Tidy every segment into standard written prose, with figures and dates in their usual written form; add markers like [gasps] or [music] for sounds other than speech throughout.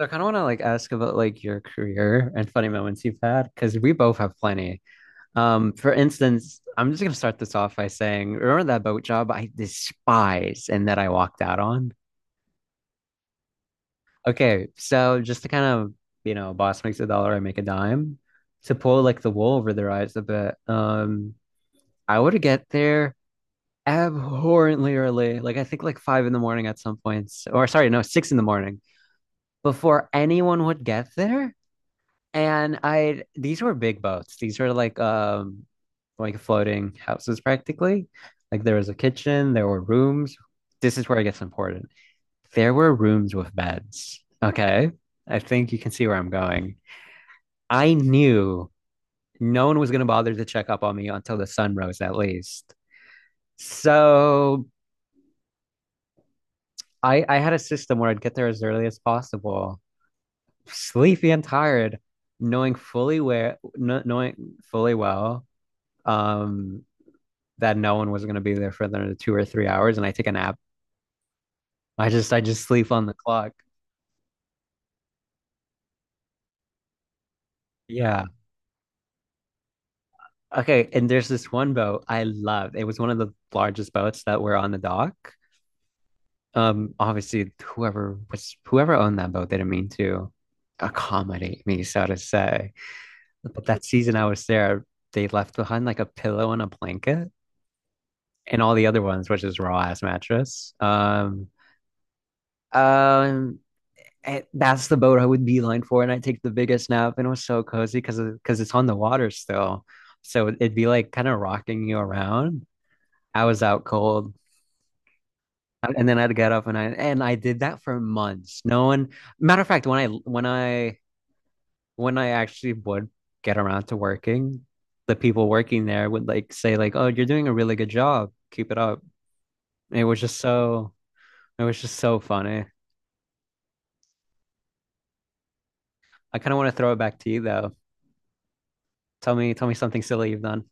So I kind of want to like ask about like your career and funny moments you've had because we both have plenty. For instance, I'm just gonna start this off by saying, remember that boat job I despise and that I walked out on? Okay, so just to kind of, boss makes a dollar, I make a dime. To pull like the wool over their eyes a bit, I would get there abhorrently early, like I think like 5 in the morning at some points, or sorry, no, 6 in the morning before anyone would get there. And I These were big boats. These were like floating houses practically. Like there was a kitchen, there were rooms. This is where it gets important. There were rooms with beds. Okay. I think you can see where I'm going. I knew no one was gonna bother to check up on me until the sun rose at least. So I had a system where I'd get there as early as possible, sleepy and tired, knowing fully well um that no one was going to be there for the 2 or 3 hours and I take a nap. I just sleep on the clock. Yeah. Okay. And there's this one boat I loved. It was one of the largest boats that were on the dock. Obviously whoever owned that boat, they didn't mean to accommodate me, so to say. But that season I was there, they left behind like a pillow and a blanket and all the other ones, which is raw ass mattress. Um, And that's the boat I would beeline for, and I take the biggest nap, and it was so cozy because it's on the water still, so it'd be like kind of rocking you around. I was out cold, and then I'd get up, and I did that for months. No one, matter of fact, when I actually would get around to working, the people working there would like say like, "Oh, you're doing a really good job. Keep it up." And it was just so funny. I kind of want to throw it back to you though. Tell me something silly you've done.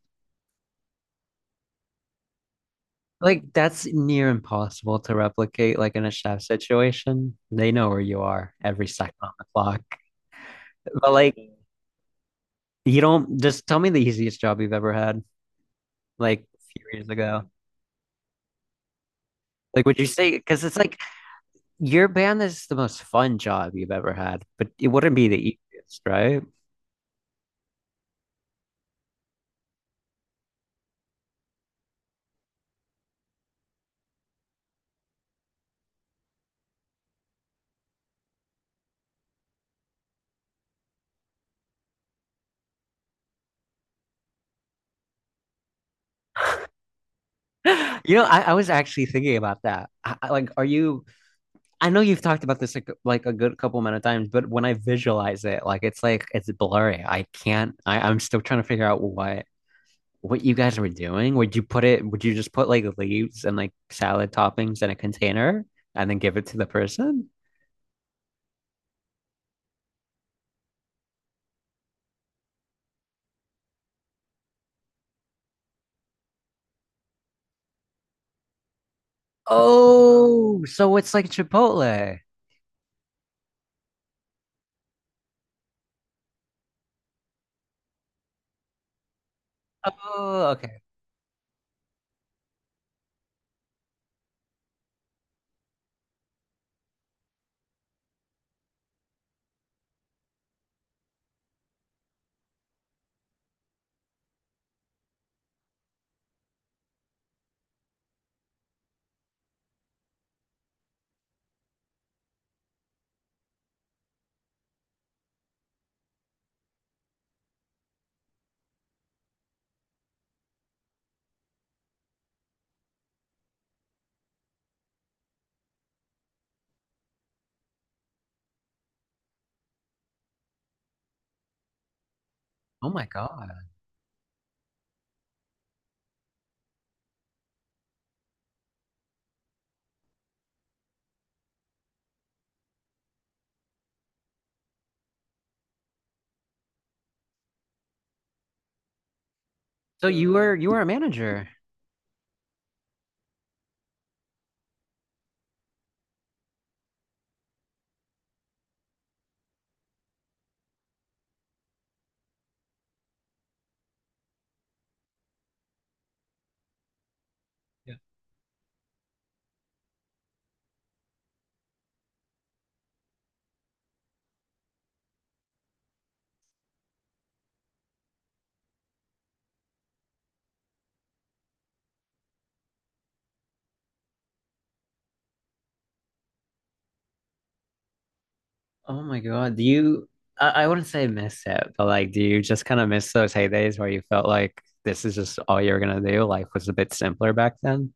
Like that's near impossible to replicate like in a chef situation. They know where you are every second on the clock. But like you don't just tell me the easiest job you've ever had like a few years ago. Like would you say because it's like your band is the most fun job you've ever had, but it wouldn't be the easiest, right? [laughs] You know, I was actually thinking about that. Like, are you? I know you've talked about this like a good couple amount of times, but when I visualize it, like it's blurry. I can't. I'm still trying to figure out what you guys were doing? Would you put it, would you just put like leaves and like salad toppings in a container and then give it to the person? Oh, so it's like Chipotle. Oh, okay. Oh my God. So you were a manager. Oh my God. I wouldn't say miss it, but like, do you just kind of miss those heydays where you felt like this is just all you're gonna do? Life was a bit simpler back then.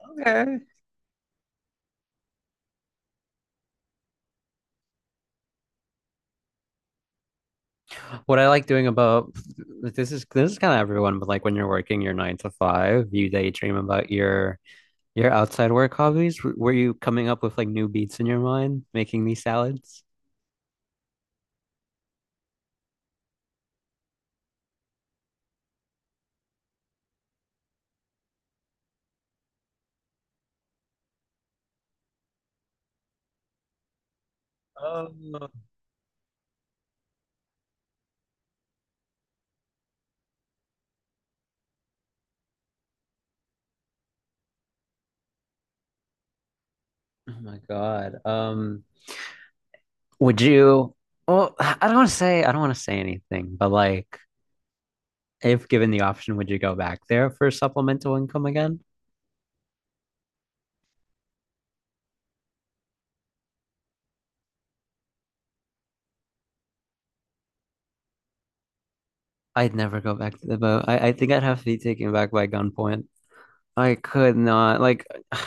Okay. What I like doing about this is kind of everyone, but like when you're working your nine to five, you daydream about your outside work hobbies? Were you coming up with like new beats in your mind, making these salads? Oh, oh my God. Would you? Well, I don't want to say anything, but like, if given the option, would you go back there for supplemental income again? I'd never go back to the boat. I think I'd have to be taken back by gunpoint. I could not. Like, [sighs]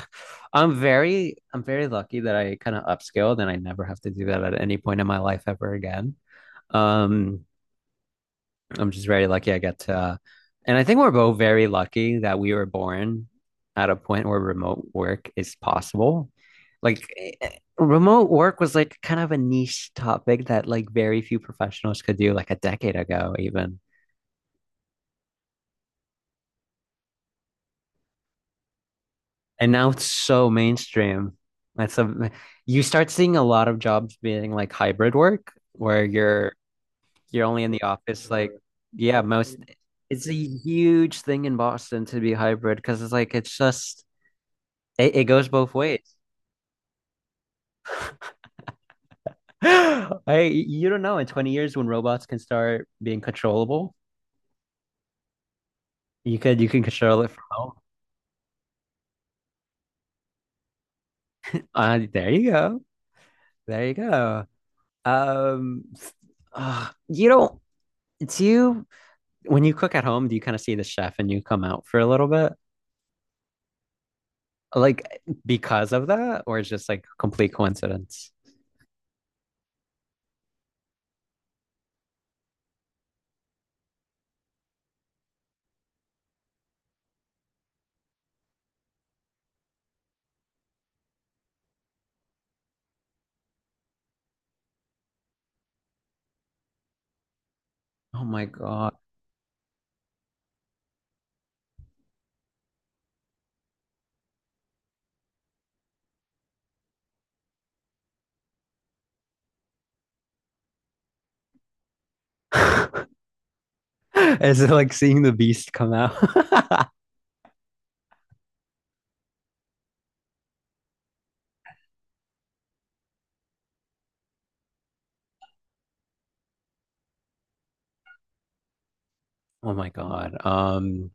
I'm very lucky that I kind of upscaled and I never have to do that at any point in my life ever again. Um, I'm just very lucky I get to, and I think we're both very lucky that we were born at a point where remote work is possible. Like remote work was like kind of a niche topic that like very few professionals could do like a decade ago even. And now it's so mainstream. That's a you start seeing a lot of jobs being like hybrid work where you're only in the office, like. Yeah, most. It's a huge thing in Boston to be hybrid because it's like it's just It goes both ways. [gasps] I you don't know in 20 years when robots can start being controllable, you can control it from home. There you go. There you go. Um, you don't do you when you cook at home, do you kind of see the chef and you come out for a little bit? Like because of that, or it's just like complete coincidence? Oh my God. [laughs] Is it like seeing the beast come out? [laughs] Oh my God.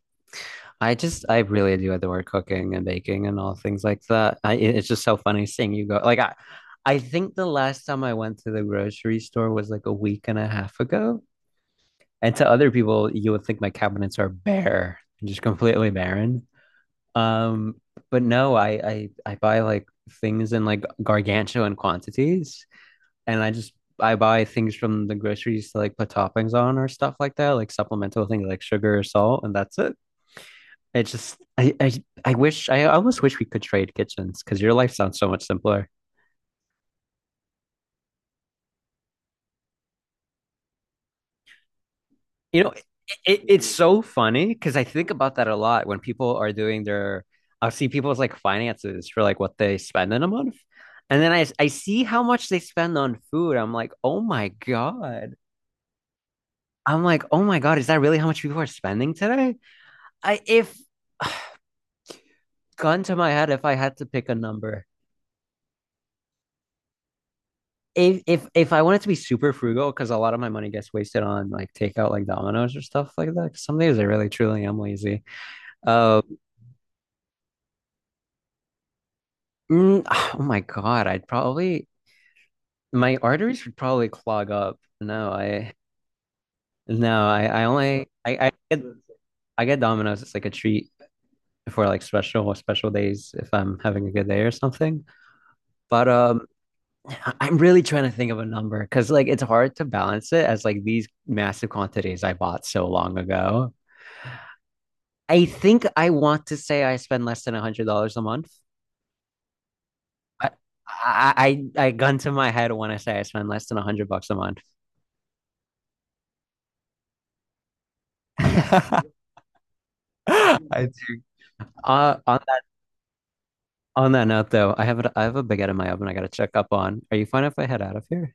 I just I really do adore cooking and baking and all things like that. I it- it's just so funny seeing you go. Like I think the last time I went to the grocery store was like a week and a half ago. And to other people, you would think my cabinets are bare, just completely barren. Um, but no, I buy like things in like gargantuan quantities and I buy things from the groceries to like put toppings on or stuff like that, like supplemental things like sugar or salt, and that's it. It just I wish I almost wish we could trade kitchens because your life sounds so much simpler. You know, it's so funny because I think about that a lot when people are doing their I'll see people's like finances for like what they spend in a month. And then I see how much they spend on food. I'm like, oh my God. I'm like, oh my God, is that really how much people are spending today? I if [sighs] gun to my head if I had to pick a number. If I wanted to be super frugal, because a lot of my money gets wasted on like takeout, like Domino's or stuff like that, 'cause some days I really truly am lazy. Uh, mm, [sighs] oh my God, I'd probably my arteries would probably clog up. No, I no, I only I get Domino's. It's like a treat for like special special days if I'm having a good day or something. But I'm really trying to think of a number because like it's hard to balance it as like these massive quantities I bought so long ago. I think I want to say I spend less than $100 a month. I, I I gun to my head when I say I spend less than 100 bucks a month. [laughs] I do. On that note though, I have a baguette in my oven I gotta check up on. Are you fine if I head out of here?